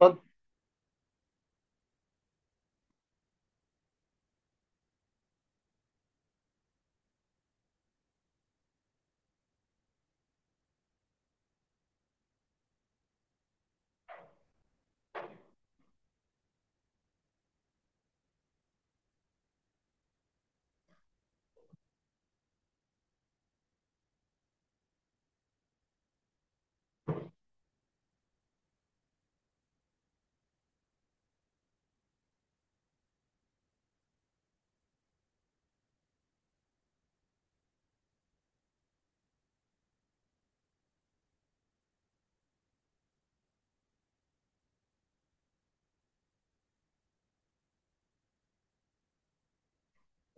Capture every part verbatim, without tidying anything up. اتفضل.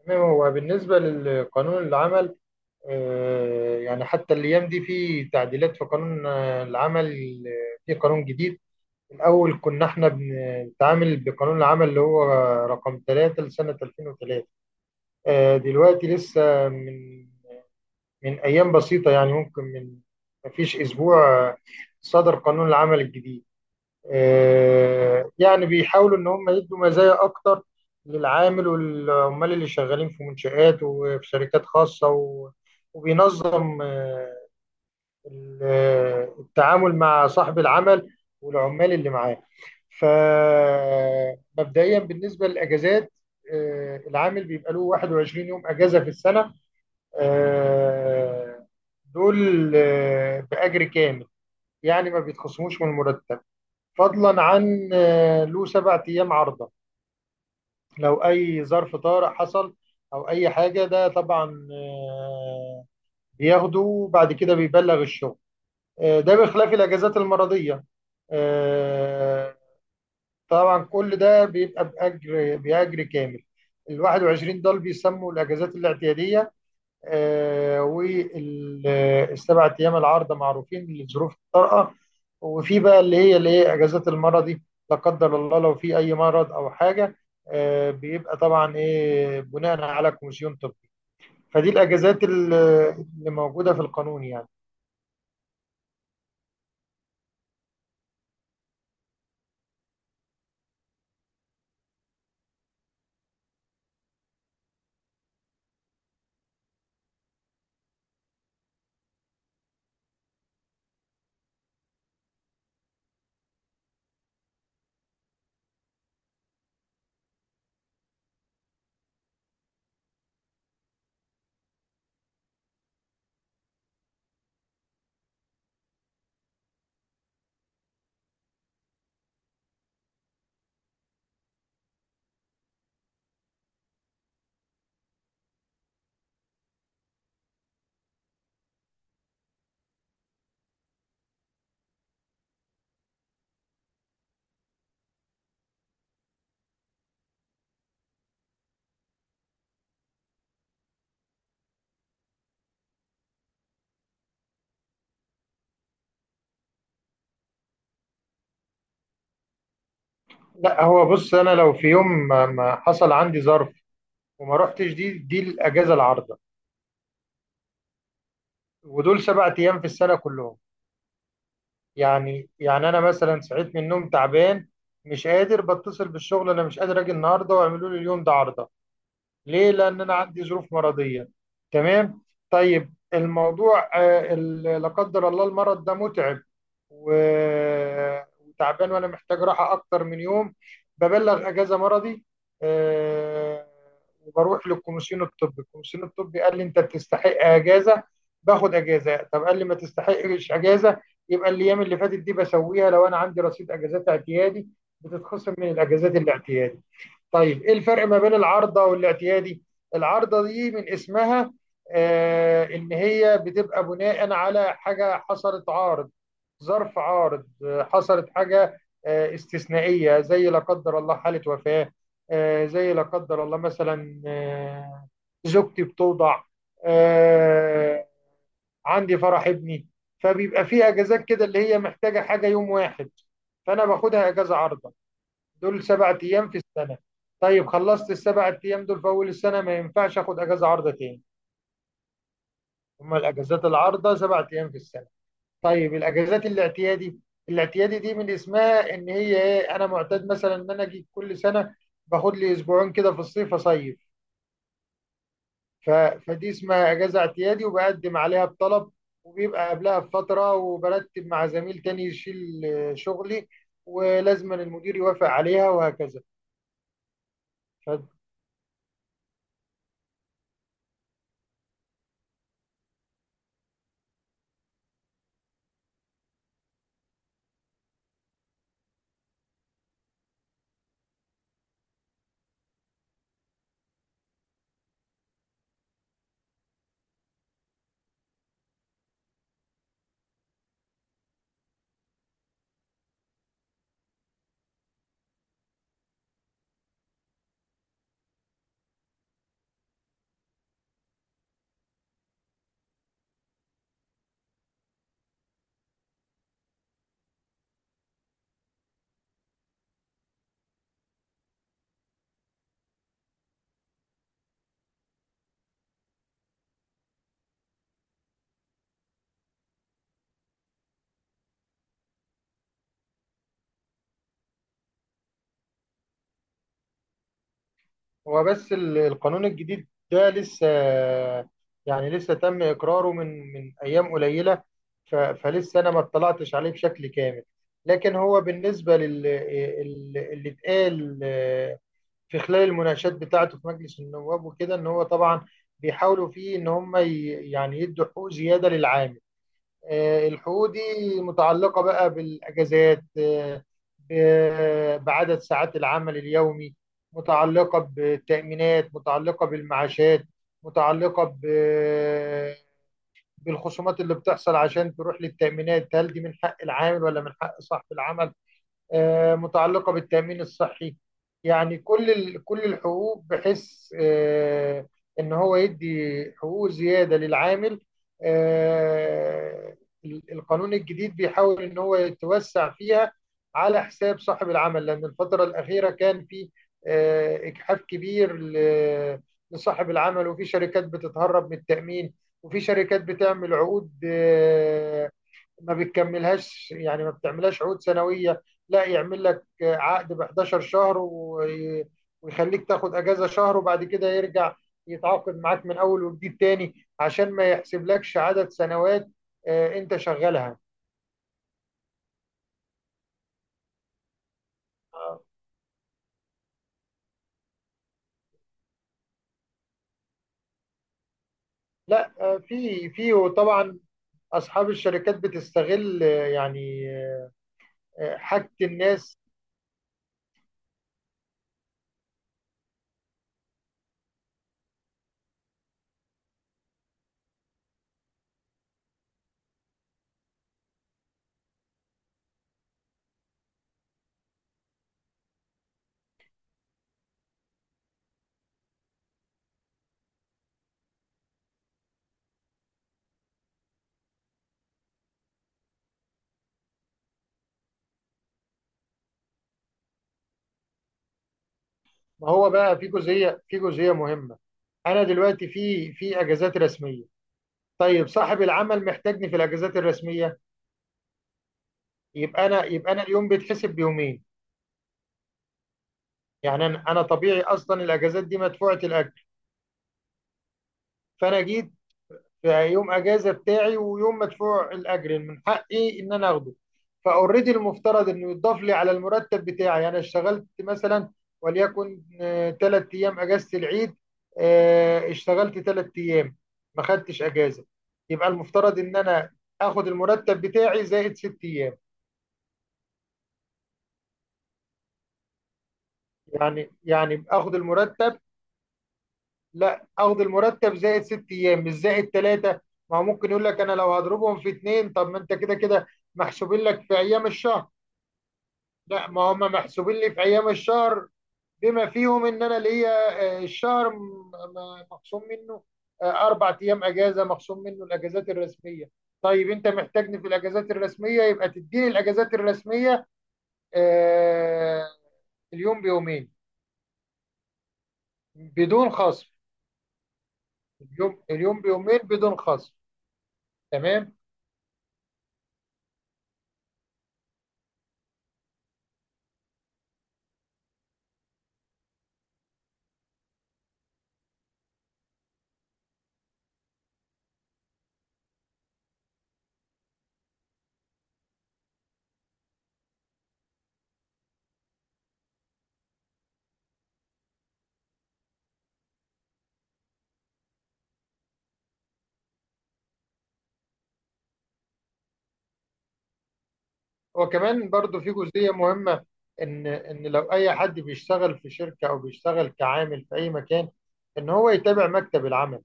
تمام، هو بالنسبة لقانون العمل آه، يعني حتى الأيام دي في تعديلات في قانون آه، العمل، آه، في قانون جديد. الأول كنا احنا بنتعامل بقانون العمل اللي هو رقم ثلاثة لسنة ألفين وثلاثة. آه، دلوقتي لسه من من أيام بسيطة، يعني ممكن من مفيش أسبوع آه، صدر قانون العمل الجديد. آه، يعني بيحاولوا ان هم يدوا مزايا اكتر للعامل والعمال اللي شغالين في منشآت وفي شركات خاصة و- وبينظم آه، ال- آه، التعامل مع صاحب العمل والعمال اللي معاه. فمبدئيا بالنسبة للأجازات، آه، العامل بيبقى له واحد وعشرين يوم أجازة في السنة. آه، دول آه، بأجر كامل، يعني ما بيتخصموش من المرتب. فضلا عن آه، له سبع أيام عرضة لو أي ظرف طارئ حصل أو أي حاجة. ده طبعا آه، بياخده وبعد كده بيبلغ الشغل. آه، ده بخلاف الأجازات المرضية. آه، طبعا كل ده بيبقى بأجر بأجر كامل. ال واحد وعشرين دول بيسموا الأجازات الاعتيادية. آه والسبع ايام العارضه معروفين لظروف الطارئه. وفي بقى اللي هي اللي هي اجازات المرضي لا قدر الله لو في اي مرض او حاجه. آه، بيبقى طبعا ايه بناء على كوميسيون طبي. فدي الاجازات ال- اللي موجوده في القانون يعني. لا هو بص، انا لو في يوم ما ما حصل عندي ظرف وما رحتش دي دي الاجازه العارضه، ودول سبع ايام في السنه كلهم. يعني يعني انا مثلا صحيت من النوم تعبان، مش قادر بتصل بالشغل انا مش قادر اجي النهارده واعملوا لي اليوم ده عرضه. ليه؟ لأن أنا عندي ظروف مرضية. تمام؟ طيب الموضوع آه، ال- لا قدر الله المرض ده متعب و- وتعبان وأنا محتاج راحة أكتر من يوم. ببلغ أجازة مرضي، آه، وبروح للكوميسيون الطبي. الكوميسيون الطبي قال لي أنت بتستحق أجازة، باخد أجازة. طب قال لي ما تستحقش أجازة، يبقى الأيام اللي فاتت دي بسويها. لو أنا عندي رصيد أجازات اعتيادي بتتخصم من الأجازات الاعتيادي. طيب ايه الفرق ما بين العارضه والاعتيادي؟ العارضه دي من اسمها آه ان هي بتبقى بناء على حاجه حصلت عارض، ظرف عارض. آه، حصلت حاجه آه استثنائيه زي لا قدر الله حاله وفاه، آه زي لا قدر الله مثلا، آه زوجتي بتوضع، آه عندي فرح ابني. فبيبقى في اجازات كده اللي هي محتاجه حاجه يوم واحد، فانا باخدها اجازه عارضه. دول سبعة ايام في السنه. طيب خلصت السبعة ايام دول في اول السنه، ما ينفعش اخد اجازه عارضه تاني. هما الاجازات العارضه سبعة ايام في السنه. طيب الاجازات الاعتيادي، الاعتيادي دي من اسمها ان هي ايه، انا معتاد مثلا ان انا اجي كل سنه باخد لي اسبوعين كده في الصيف اصيف. ف... فدي اسمها اجازه اعتيادي، وبقدم عليها بطلب، وبيبقى قبلها بفتره وبرتب مع زميل تاني يشيل شغلي، ولازم المدير يوافق عليها وهكذا. ف- هو بس ال- القانون الجديد ده لسه، يعني لسه تم إقراره من من أيام قليلة. ف- فلسه أنا ما اطلعتش عليه بشكل كامل. لكن هو بالنسبة لل ال- اللي اتقال آه، في خلال المناقشات بتاعته في مجلس النواب وكده، إن هو طبعا بيحاولوا فيه إن هم ي- يعني يدوا حقوق زيادة للعامل. آه، الحقوق دي متعلقة بقى بالأجازات، آه، ب- بعدد ساعات العمل اليومي، متعلقة بالتأمينات، متعلقة بالمعاشات، متعلقة ب- بالخصومات اللي بتحصل عشان تروح للتأمينات، هل دي من حق العامل ولا من حق صاحب العمل؟ آه، متعلقة بالتأمين الصحي. يعني كل ال- كل الحقوق، بحيث آه، إن هو يدي حقوق زيادة للعامل. آه، ال- القانون الجديد بيحاول إن هو يتوسع فيها على حساب صاحب العمل. لأن الفترة الأخيرة كان في آه، إجحاف كبير ل- لصاحب العمل. وفي شركات بتتهرب من التأمين، وفي شركات بتعمل عقود آه، ما بتكملهاش، يعني ما بتعملهاش عقود سنوية. لا يعمل لك عقد ب حداشر شهر وي- ويخليك تاخد اجازة شهر، وبعد كده يرجع يتعاقد معاك من اول وجديد تاني عشان ما يحسبلكش عدد سنوات آه، انت شغالها. آه، لا آه، في في وطبعا اصحاب الشركات بتستغل، آه، يعني آه، حاجة الناس. ما هو بقى في جزئية في جزئية مهمة. انا دلوقتي في في اجازات رسمية. طيب صاحب العمل محتاجني في الاجازات الرسمية، يبقى انا يبقى انا اليوم بيتحسب بيومين. يعني انا انا طبيعي، اصلا الاجازات دي مدفوعه الاجر. فانا جيت في يوم اجازه بتاعي، ويوم مدفوع الاجر من حقي ان انا اخده. فاوريدي المفترض انه يضاف لي على المرتب بتاعي. انا اشتغلت مثلا، وليكن ثلاث ايام اجازه العيد، آه، اشتغلت ثلاث ايام، ما خدتش اجازه. يبقى المفترض ان انا اخد المرتب بتاعي زائد ست ايام. يعني يعني اخد المرتب لا اخد المرتب زائد ست ايام، مش زائد ثلاثه. ما هو ممكن يقول لك انا لو هضربهم في اتنين، طب ما انت كده كده محسوبين لك في ايام الشهر. لا، ما هم محسوبين لي في ايام الشهر بما فيهم ان انا ليا آه، الشهر م- م- مخصوم منه آه، اربع ايام اجازه، مخصوم منه الاجازات الرسميه. طيب انت محتاجني في الاجازات الرسميه، يبقى تديني الاجازات الرسميه آه، اليوم بيومين بدون خصم. اليوم اليوم بيومين بدون خصم. تمام. هو كمان برضو في جزئية مهمة، إن إن لو أي حد بيشتغل في شركة أو بيشتغل كعامل في أي مكان، إن هو يتابع مكتب العمل.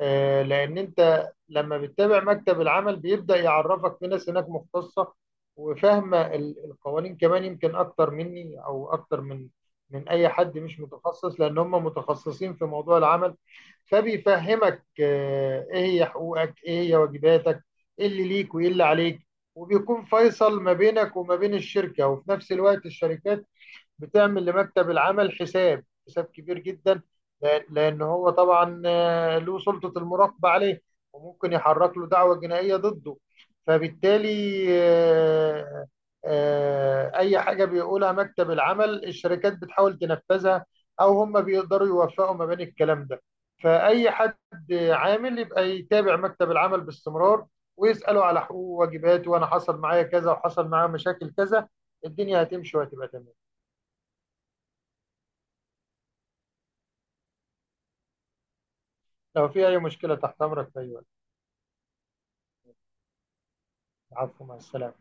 آه، لان انت لما بتتابع مكتب العمل بيبدا يعرفك في ناس هناك مختصه وفاهمه ال- القوانين، كمان يمكن اكتر مني او اكتر من من اي حد مش متخصص، لان هم متخصصين في موضوع العمل. فبيفهمك آه، ايه هي حقوقك، ايه هي واجباتك، ايه اللي ليك وايه اللي عليك. وبيكون فيصل ما بينك وما بين الشركه. وفي نفس الوقت الشركات بتعمل لمكتب العمل حساب حساب كبير جدا، لأن لأن هو طبعا آه، له سلطة المراقبة عليه، وممكن يحرك له دعوة جنائية ضده. فبالتالي آه، آه، أي حاجة بيقولها مكتب العمل الشركات بتحاول تنفذها، أو هم بيقدروا يوفقوا ما بين الكلام ده. فأي حد عامل يبقى يتابع مكتب العمل باستمرار، ويسأله على حقوقه وواجباته. وأنا حصل معايا كذا، وحصل معايا مشاكل كذا، الدنيا هتمشي وهتبقى تمام. لو في أي مشكلة تحت أمرك في أي وقت. العفو، مع السلامة.